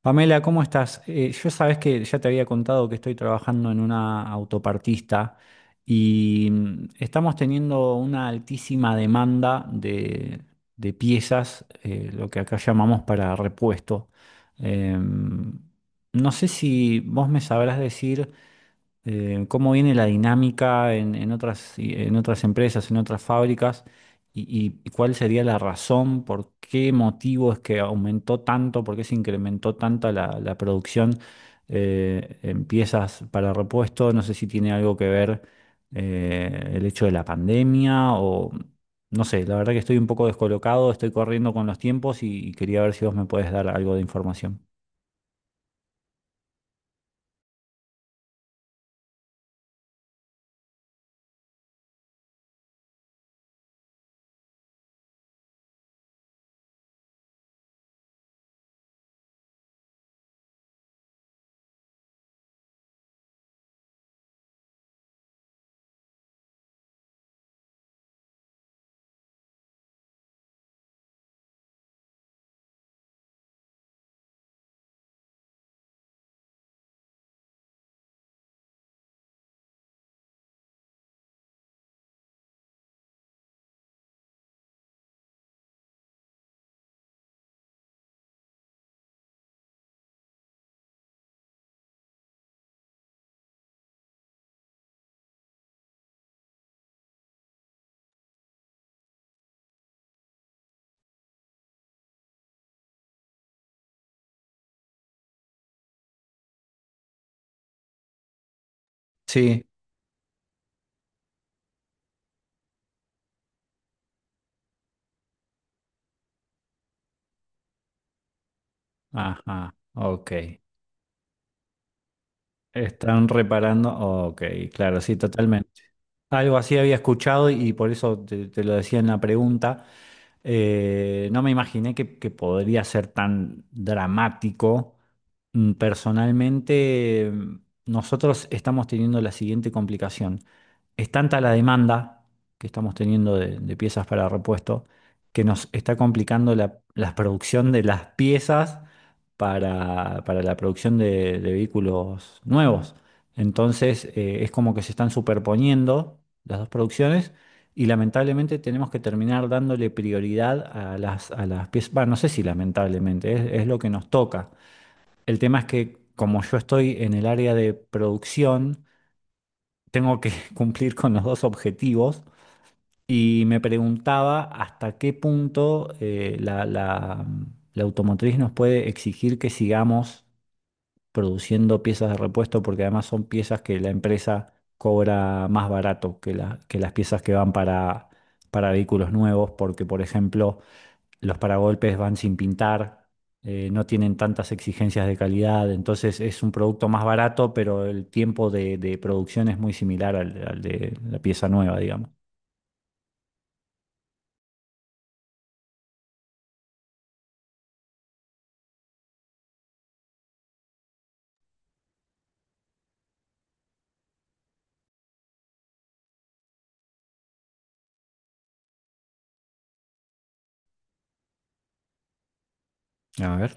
Pamela, ¿cómo estás? Yo sabes que ya te había contado que estoy trabajando en una autopartista y estamos teniendo una altísima demanda de piezas, lo que acá llamamos para repuesto. Em, no sé si vos me sabrás decir cómo viene la dinámica en otras, en otras empresas, en otras fábricas, y cuál sería la razón, por qué motivo es que aumentó tanto, por qué se incrementó tanto la producción en piezas para repuesto. No sé si tiene algo que ver el hecho de la pandemia o no sé, la verdad que estoy un poco descolocado, estoy corriendo con los tiempos y quería ver si vos me puedes dar algo de información. Sí. Ajá, ok. Están reparando. Ok, claro, sí, totalmente. Algo así había escuchado y por eso te lo decía en la pregunta. No me imaginé que podría ser tan dramático. Mm, personalmente, nosotros estamos teniendo la siguiente complicación. Es tanta la demanda que estamos teniendo de piezas para repuesto que nos está complicando la producción de las piezas para la producción de vehículos nuevos. Entonces, es como que se están superponiendo las dos producciones y lamentablemente tenemos que terminar dándole prioridad a las piezas. Bueno, no sé si lamentablemente, es lo que nos toca. El tema es que como yo estoy en el área de producción, tengo que cumplir con los dos objetivos y me preguntaba hasta qué punto la automotriz nos puede exigir que sigamos produciendo piezas de repuesto porque además son piezas que la empresa cobra más barato que, que las piezas que van para vehículos nuevos porque, por ejemplo, los paragolpes van sin pintar, no tienen tantas exigencias de calidad, entonces es un producto más barato, pero el tiempo de producción es muy similar al, al de la pieza nueva, digamos. A ver.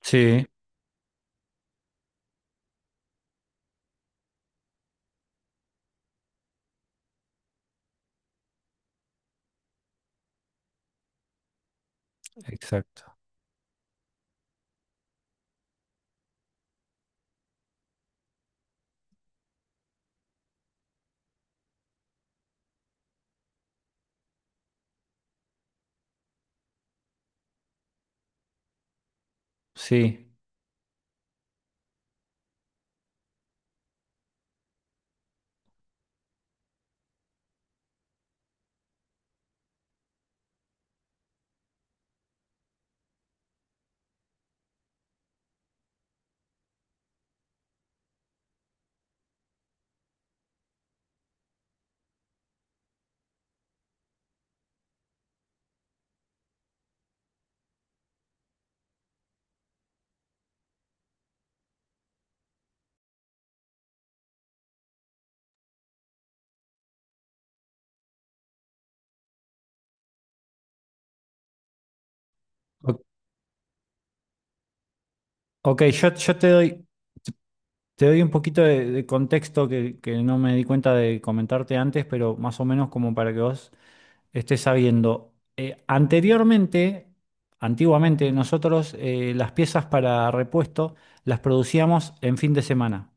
Sí, exacto. Sí. O- ok, yo te doy... Te doy un poquito de contexto que no me di cuenta de comentarte antes, pero más o menos como para que vos estés sabiendo. Anteriormente, antiguamente, nosotros las piezas para repuesto las producíamos en fin de semana.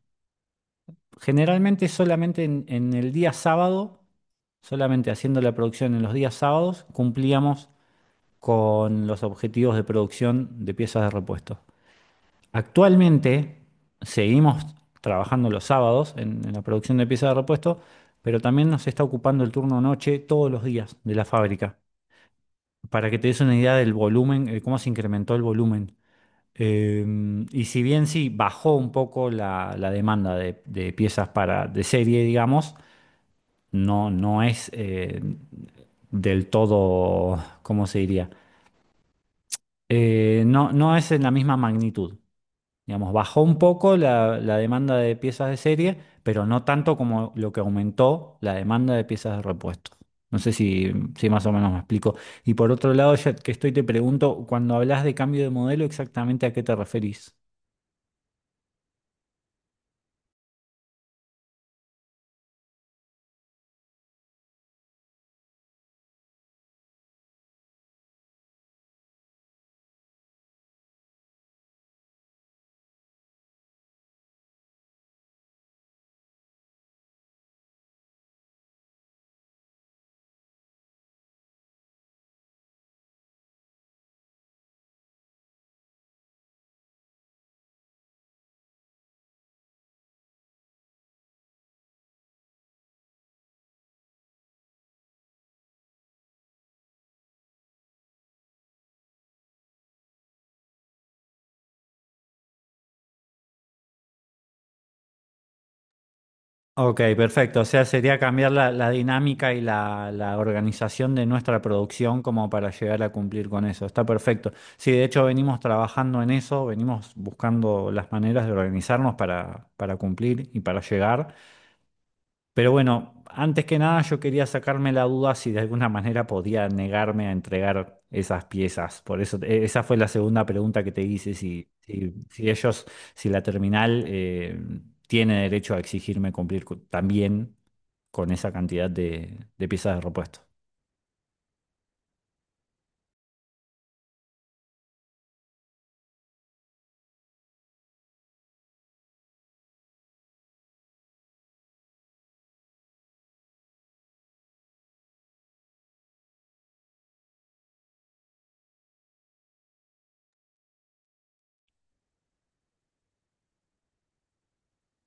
Generalmente solamente en el día sábado, solamente haciendo la producción en los días sábados, cumplíamos con los objetivos de producción de piezas de repuesto. Actualmente seguimos trabajando los sábados en la producción de piezas de repuesto, pero también nos está ocupando el turno noche todos los días de la fábrica, para que te des una idea del volumen, cómo se incrementó el volumen. Eh, y si bien sí bajó un poco la demanda de piezas para, de serie, digamos, no, no es del todo, ¿cómo se diría? No, no es en la misma magnitud. Digamos, bajó un poco la demanda de piezas de serie, pero no tanto como lo que aumentó la demanda de piezas de repuesto. No sé si, si más o menos me explico. Y por otro lado, ya que estoy, te pregunto, cuando hablas de cambio de modelo, ¿exactamente a qué te referís? Ok, perfecto. O sea, sería cambiar la dinámica y la organización de nuestra producción como para llegar a cumplir con eso. Está perfecto. Sí, de hecho venimos trabajando en eso, venimos buscando las maneras de organizarnos para cumplir y para llegar. Pero bueno, antes que nada yo quería sacarme la duda si de alguna manera podía negarme a entregar esas piezas. Por eso, esa fue la segunda pregunta que te hice, si ellos, si la terminal tiene derecho a exigirme cumplir también con esa cantidad de piezas de repuesto.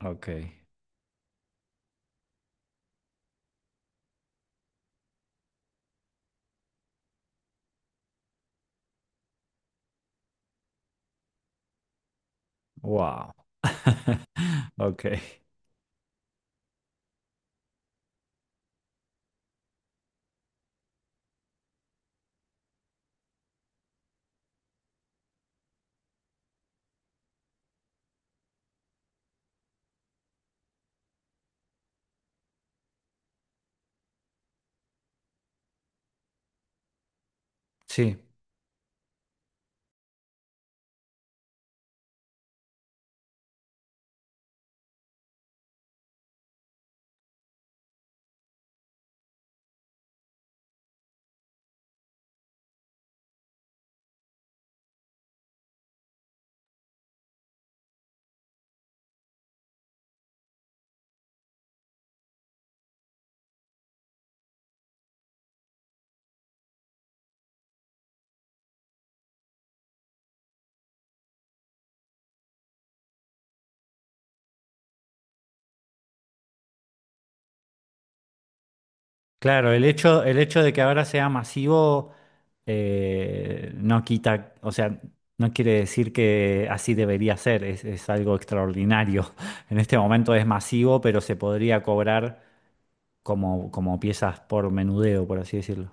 Ok, wow. Ok, sí. Claro, el hecho de que ahora sea masivo no quita, o sea, no quiere decir que así debería ser, es algo extraordinario. En este momento es masivo, pero se podría cobrar como, como piezas por menudeo, por así decirlo.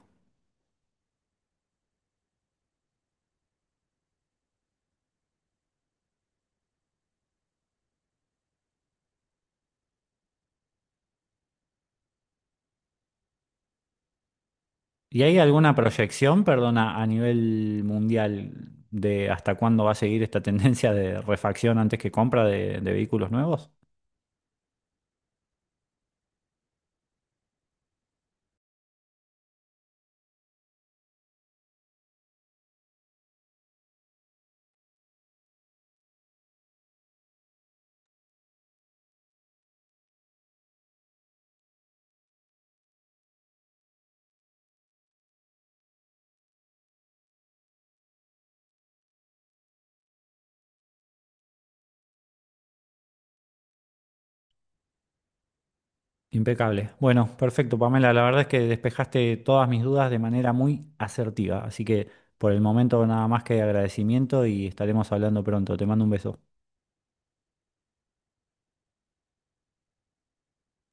¿Y hay alguna proyección, perdona, a nivel mundial de hasta cuándo va a seguir esta tendencia de refacción antes que compra de vehículos nuevos? Impecable. Bueno, perfecto, Pamela. La verdad es que despejaste todas mis dudas de manera muy asertiva. Así que por el momento nada más que agradecimiento y estaremos hablando pronto. Te mando un beso.